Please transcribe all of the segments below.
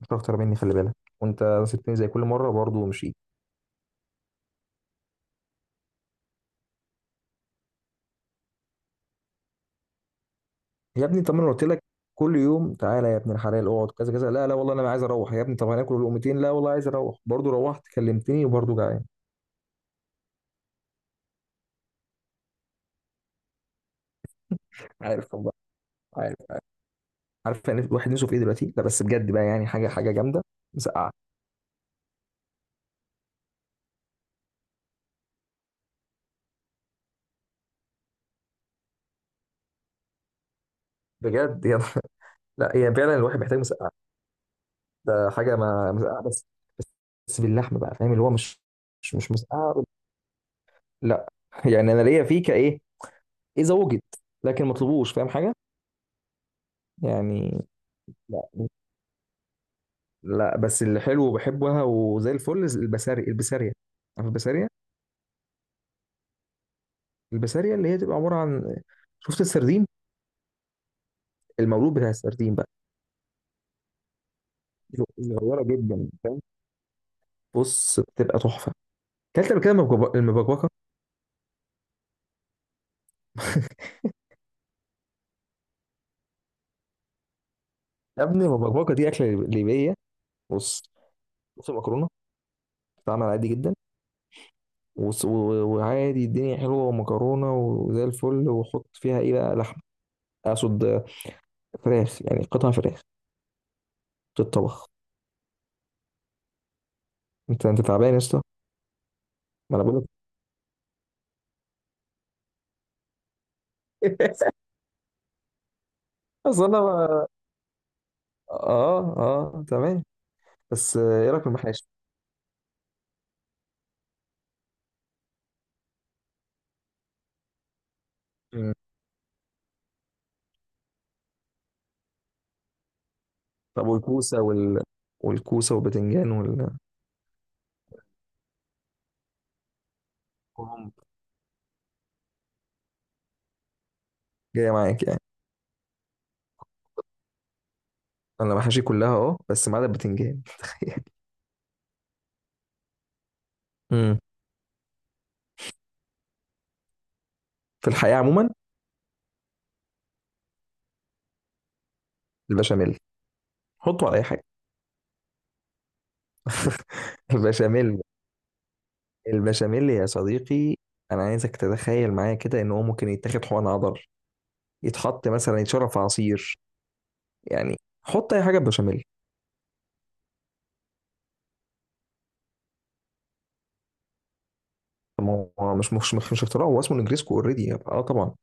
مش اكتر مني، خلي بالك. وانت سبتني زي كل مره برضه ومشيت. يا ابني طب ما انا قلت لك كل يوم تعالى يا ابن الحلال اقعد كذا كذا. لا لا والله انا عايز اروح. يا ابني طب هناكل لقمتين. لا والله عايز اروح برضه. روحت كلمتني وبرضه جعان. عارف والله، عارف عارف، عارف يعني الواحد نفسه في ايه دلوقتي. لا بس بجد بقى يعني حاجه حاجه جامده. مسقعه. بجد يا لا يعني فعلا الواحد محتاج مسقعه. ده حاجه ما مسقعه بس. بس بس باللحمه بقى، فاهم؟ اللي هو مش مسقعه لا يعني انا ليا فيه كايه اذا وجد، لكن ما اطلبوش، فاهم حاجه يعني. لا لا، بس اللي حلو وبحبها وزي الفل البسارية البسارية. عارف البسارية؟ البسارية اللي هي تبقى عبارة عن، شفت السردين؟ المولود بتاع السردين بقى، صغيرة جدا فاهم. بص بتبقى تحفة. كلت قبل كده المبكبكة. يا ابني المبكبكة دي أكلة ليبية. بص، بص المكرونة بتتعمل عادي جدا. وص- و- وعادي الدنيا حلوة ومكرونة وزي الفل، وحط فيها إيه بقى؟ لحمة، أقصد فراخ، يعني قطع فراخ تتطبخ. أنت تعبان يا اسطى؟ ما أنا بقول لك اصل انا، اه اه تمام. بس آه، ايه رايك في المحاشي؟ مم. طب والكوسه وال... والكوسه والبتنجان والكرنب جايه معاك يعني؟ انا محاشي كلها اه، بس ما عدا البتنجان تخيل. مم. في الحياه عموما؟ البشاميل. حطه على اي حاجه. البشاميل. البشاميل يا صديقي، انا عايزك تتخيل معايا كده ان هو ممكن يتاخد حقن عضل، يتحط مثلا، يتشرب في عصير، يعني حط اي حاجه بشاميل. طب ما هو مش اختراع، هو اسمه نجريسكو اوريدي، اه طبعا.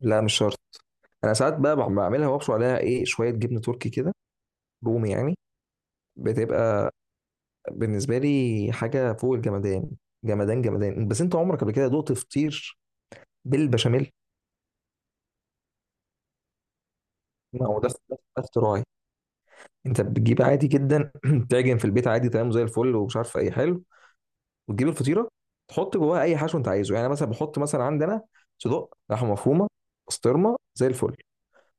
لا مش شرط، انا ساعات بقى بعملها وابشر عليها ايه؟ شويه جبنه تركي كده، رومي يعني. بتبقى بالنسبه لي حاجه فوق الجمدان، جمدان جمدان. بس انت عمرك قبل كده دقت فطير بالبشاميل؟ ما هو ده اختراعي. انت بتجيب عادي جدا تعجن في البيت عادي، تمام زي الفل ومش عارف ايه حلو، وتجيب الفطيره تحط جواها اي حشو انت عايزه. يعني أنا مثلا بحط مثلا عندنا صدق لحمه مفرومه، بسطرمه زي الفل،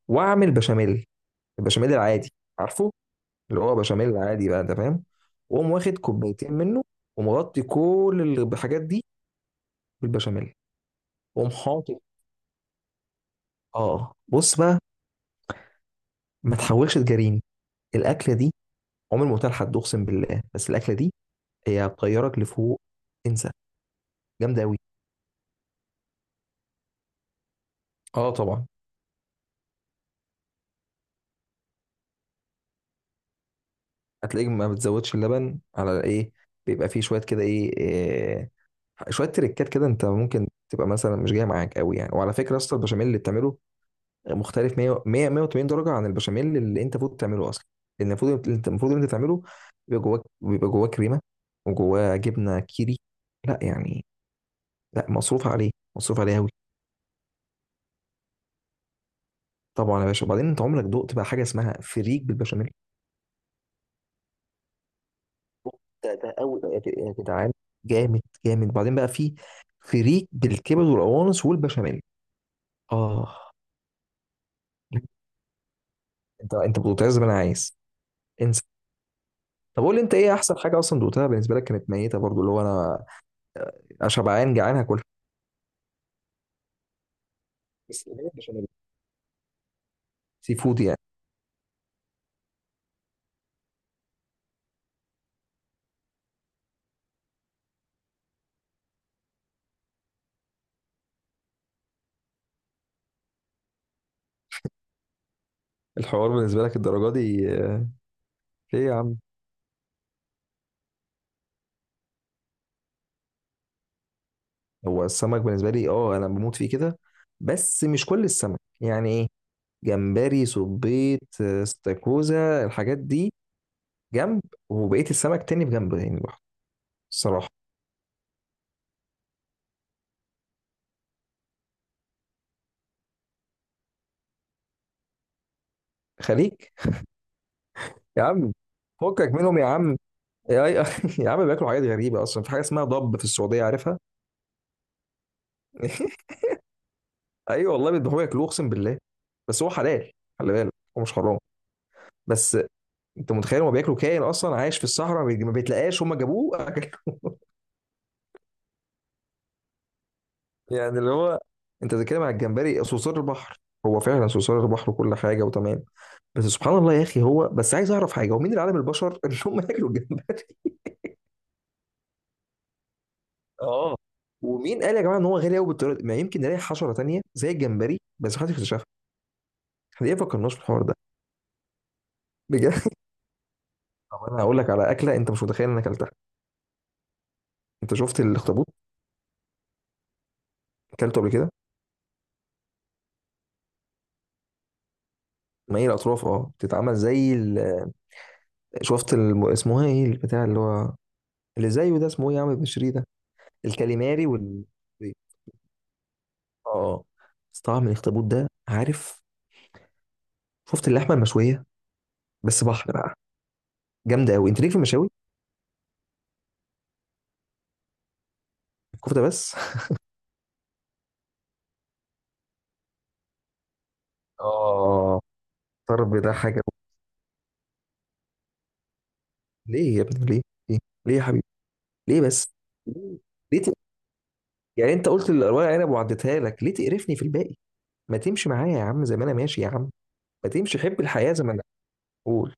واعمل بشاميل، البشاميل العادي عارفه، اللي هو بشاميل عادي بقى انت فاهم، واقوم واخد كوبايتين منه ومغطي كل الحاجات دي بالبشاميل، واقوم حاطط، اه آه. بص بقى، ما تحاولش تجاريني. الاكله دي عمر ما قلتها لحد، اقسم بالله، بس الاكله دي هي بتطيرك لفوق، انسى، جامده قوي. اه طبعا. هتلاقيك ما بتزودش اللبن على ايه، بيبقى فيه شويه كده ايه، إيه، شويه تريكات كده. انت ممكن تبقى مثلا مش جايه معاك قوي يعني. وعلى فكره اصلا البشاميل اللي بتعمله مختلف 100 180 درجه عن البشاميل اللي انت المفروض تعمله اصلا. لان المفروض انت، المفروض انت تعمله بيبقى جواه كريمه وجواه جبنه كيري. لا يعني، لا مصروف عليه، مصروف عليه قوي. طبعا يا باشا. وبعدين انت عمرك دقت بقى حاجه اسمها فريك بالبشاميل؟ ده قوي يا جدعان، جامد جامد. بعدين بقى في فريك بالكبد والقوانص والبشاميل. اه انت بتعز زي ما انا عايز، انسى. طب قول لي انت ايه احسن حاجه اصلا دوقتها بالنسبه لك، كانت ميته برضو، اللي هو انا شبعان جعان هاكلها. بس الحاجات مش سي فود يعني. الحوار بالنسبه لك الدرجه دي آه،؟ ليه يا عم؟ هو السمك بالنسبه لي اه، انا بموت فيه كده، بس مش كل السمك. يعني ايه؟ جمبري، صبيط آه،، استاكوزا، الحاجات دي جنب، وبقيه السمك تاني بجنب يعني لوحده، الصراحه. خليك. يا عم فكك منهم، يا عم يا يا عم بياكلوا حاجات غريبه اصلا. في حاجه اسمها ضب في السعوديه عارفها. ايوه والله بيذبحوه ياكلوه، اقسم بالله. بس هو حلال خلي بالك، هو مش حرام. بس انت متخيل؟ هو بياكلوا كائن اصلا عايش في الصحراء، ما بيتلقاش، هم جابوه أكلوه. يعني اللي هو، انت بتتكلم على الجمبري صرصار البحر، هو فعلا صرصار البحر وكل حاجه وتمام، بس سبحان الله يا اخي. هو بس عايز اعرف حاجه، هو مين اللي علم البشر ان هم ياكلوا الجمبري؟ اه. ومين قال يا جماعه ان هو غالي قوي بالطريقه دي؟ ما يمكن نلاقي حشره تانيه زي الجمبري بس محدش اكتشفها. احنا ليه ما فكرناش في الحوار ده؟ بجد. طب انا هقول لك على اكله انت مش متخيل ان انا اكلتها. انت شفت الاخطبوط؟ اكلته قبل كده. ما هي الاطراف اه بتتعمل زي ال... شفت الم... اسمها ايه البتاع اللي هو، اللي زيه ده اسمه ايه يا عم بشري ده، الكاليماري وال، اه آه. بس طبعا من الاخطبوط ده عارف. شفت اللحمه المشويه بس بحر بقى، جامده قوي. انت ليك في المشاوي؟ الكفته بس؟ اه. طرب ده حاجه. ليه يا ابني؟ ليه؟ ليه ليه يا حبيبي؟ ليه بس؟ ليه؟ ليه ت... يعني انت قلت الورق عنب وعديتها لك، ليه تقرفني في الباقي؟ ما تمشي معايا يا عم زي ما انا ماشي يا عم، ما تمشي حب الحياه زي ما انا. بقول،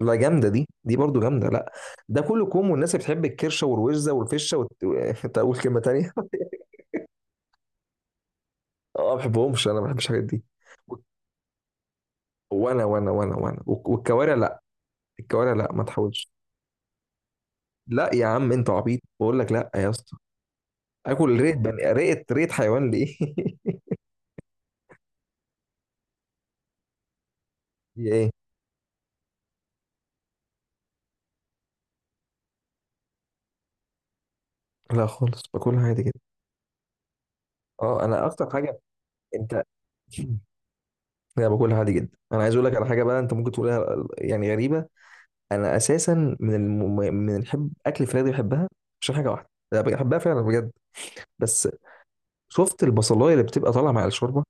لا جامده دي، دي برضو جامده، لا. ده كله كوم، والناس اللي بتحب الكرشه والوزه والفشه انت اقول كلمه تانية. اه ما بحبهمش، انا ما بحبش الحاجات دي. وانا والكوارع لا. الكوارع لا، ما تحاولش. لا يا عم انت عبيط، بقول لك لا يا اسطى. اكل ريت بني، ريت حيوان ليه دي ايه؟ لا خالص، باكلها عادي جدا. اه انا اكتر حاجه، انت انا باكلها عادي جدا. انا عايز اقول لك على حاجه بقى انت ممكن تقولها يعني غريبه. انا اساسا من الم... من الحب اكل الفراخ دي بحبها عشان حاجه واحده انا بحبها فعلا بجد. بس شفت البصلايه اللي بتبقى طالعه مع الشوربه؟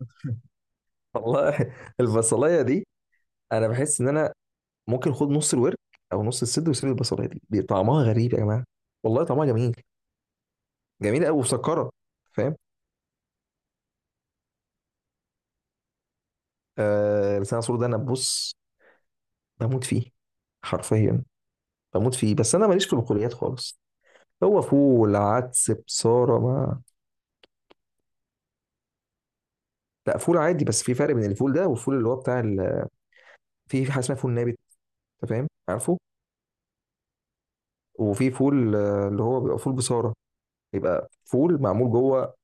والله البصلايه دي، انا بحس ان انا ممكن اخد نص الورك او نص الصدر وسيب البصلايه دي. دي طعمها غريب يا جماعه، والله طعمها جميل، جميل قوي وسكره، فاهم. آه لسان عصفور ده انا بص، بموت فيه حرفيا، بموت فيه. بس انا ماليش في البقوليات خالص. هو فول عدس بصاره ما. لا فول عادي. بس في فرق بين الفول ده والفول اللي هو بتاع ال... في حاجه اسمها فول نابت، انت فاهم عارفه. وفي فول آه، اللي هو بيبقى فول بصاره، يبقى فول معمول جوه.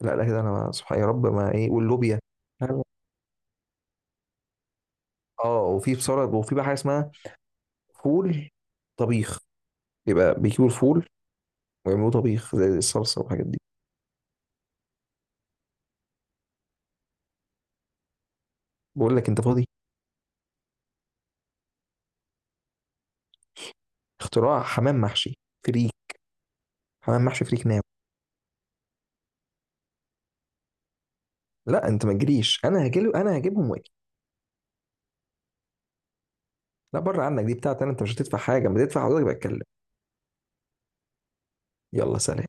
لا لا كده انا سبحان يا رب ما ايه واللوبيا. لا. اه وفي بصارة، وفي بقى حاجة اسمها فول طبيخ، يبقى بيجيبوا الفول ويعملوه طبيخ زي الصلصة والحاجات دي. بقول لك انت فاضي؟ اختراع حمام محشي فريك، حمام محشي فريك ناو. لا انت ما تجريش، انا هجيب، انا هجيبهم واجي. لا بره عنك، دي بتاعتي انا، انت مش هتدفع حاجة. ما تدفع حضرتك بقى، اتكلم. يلا سلام.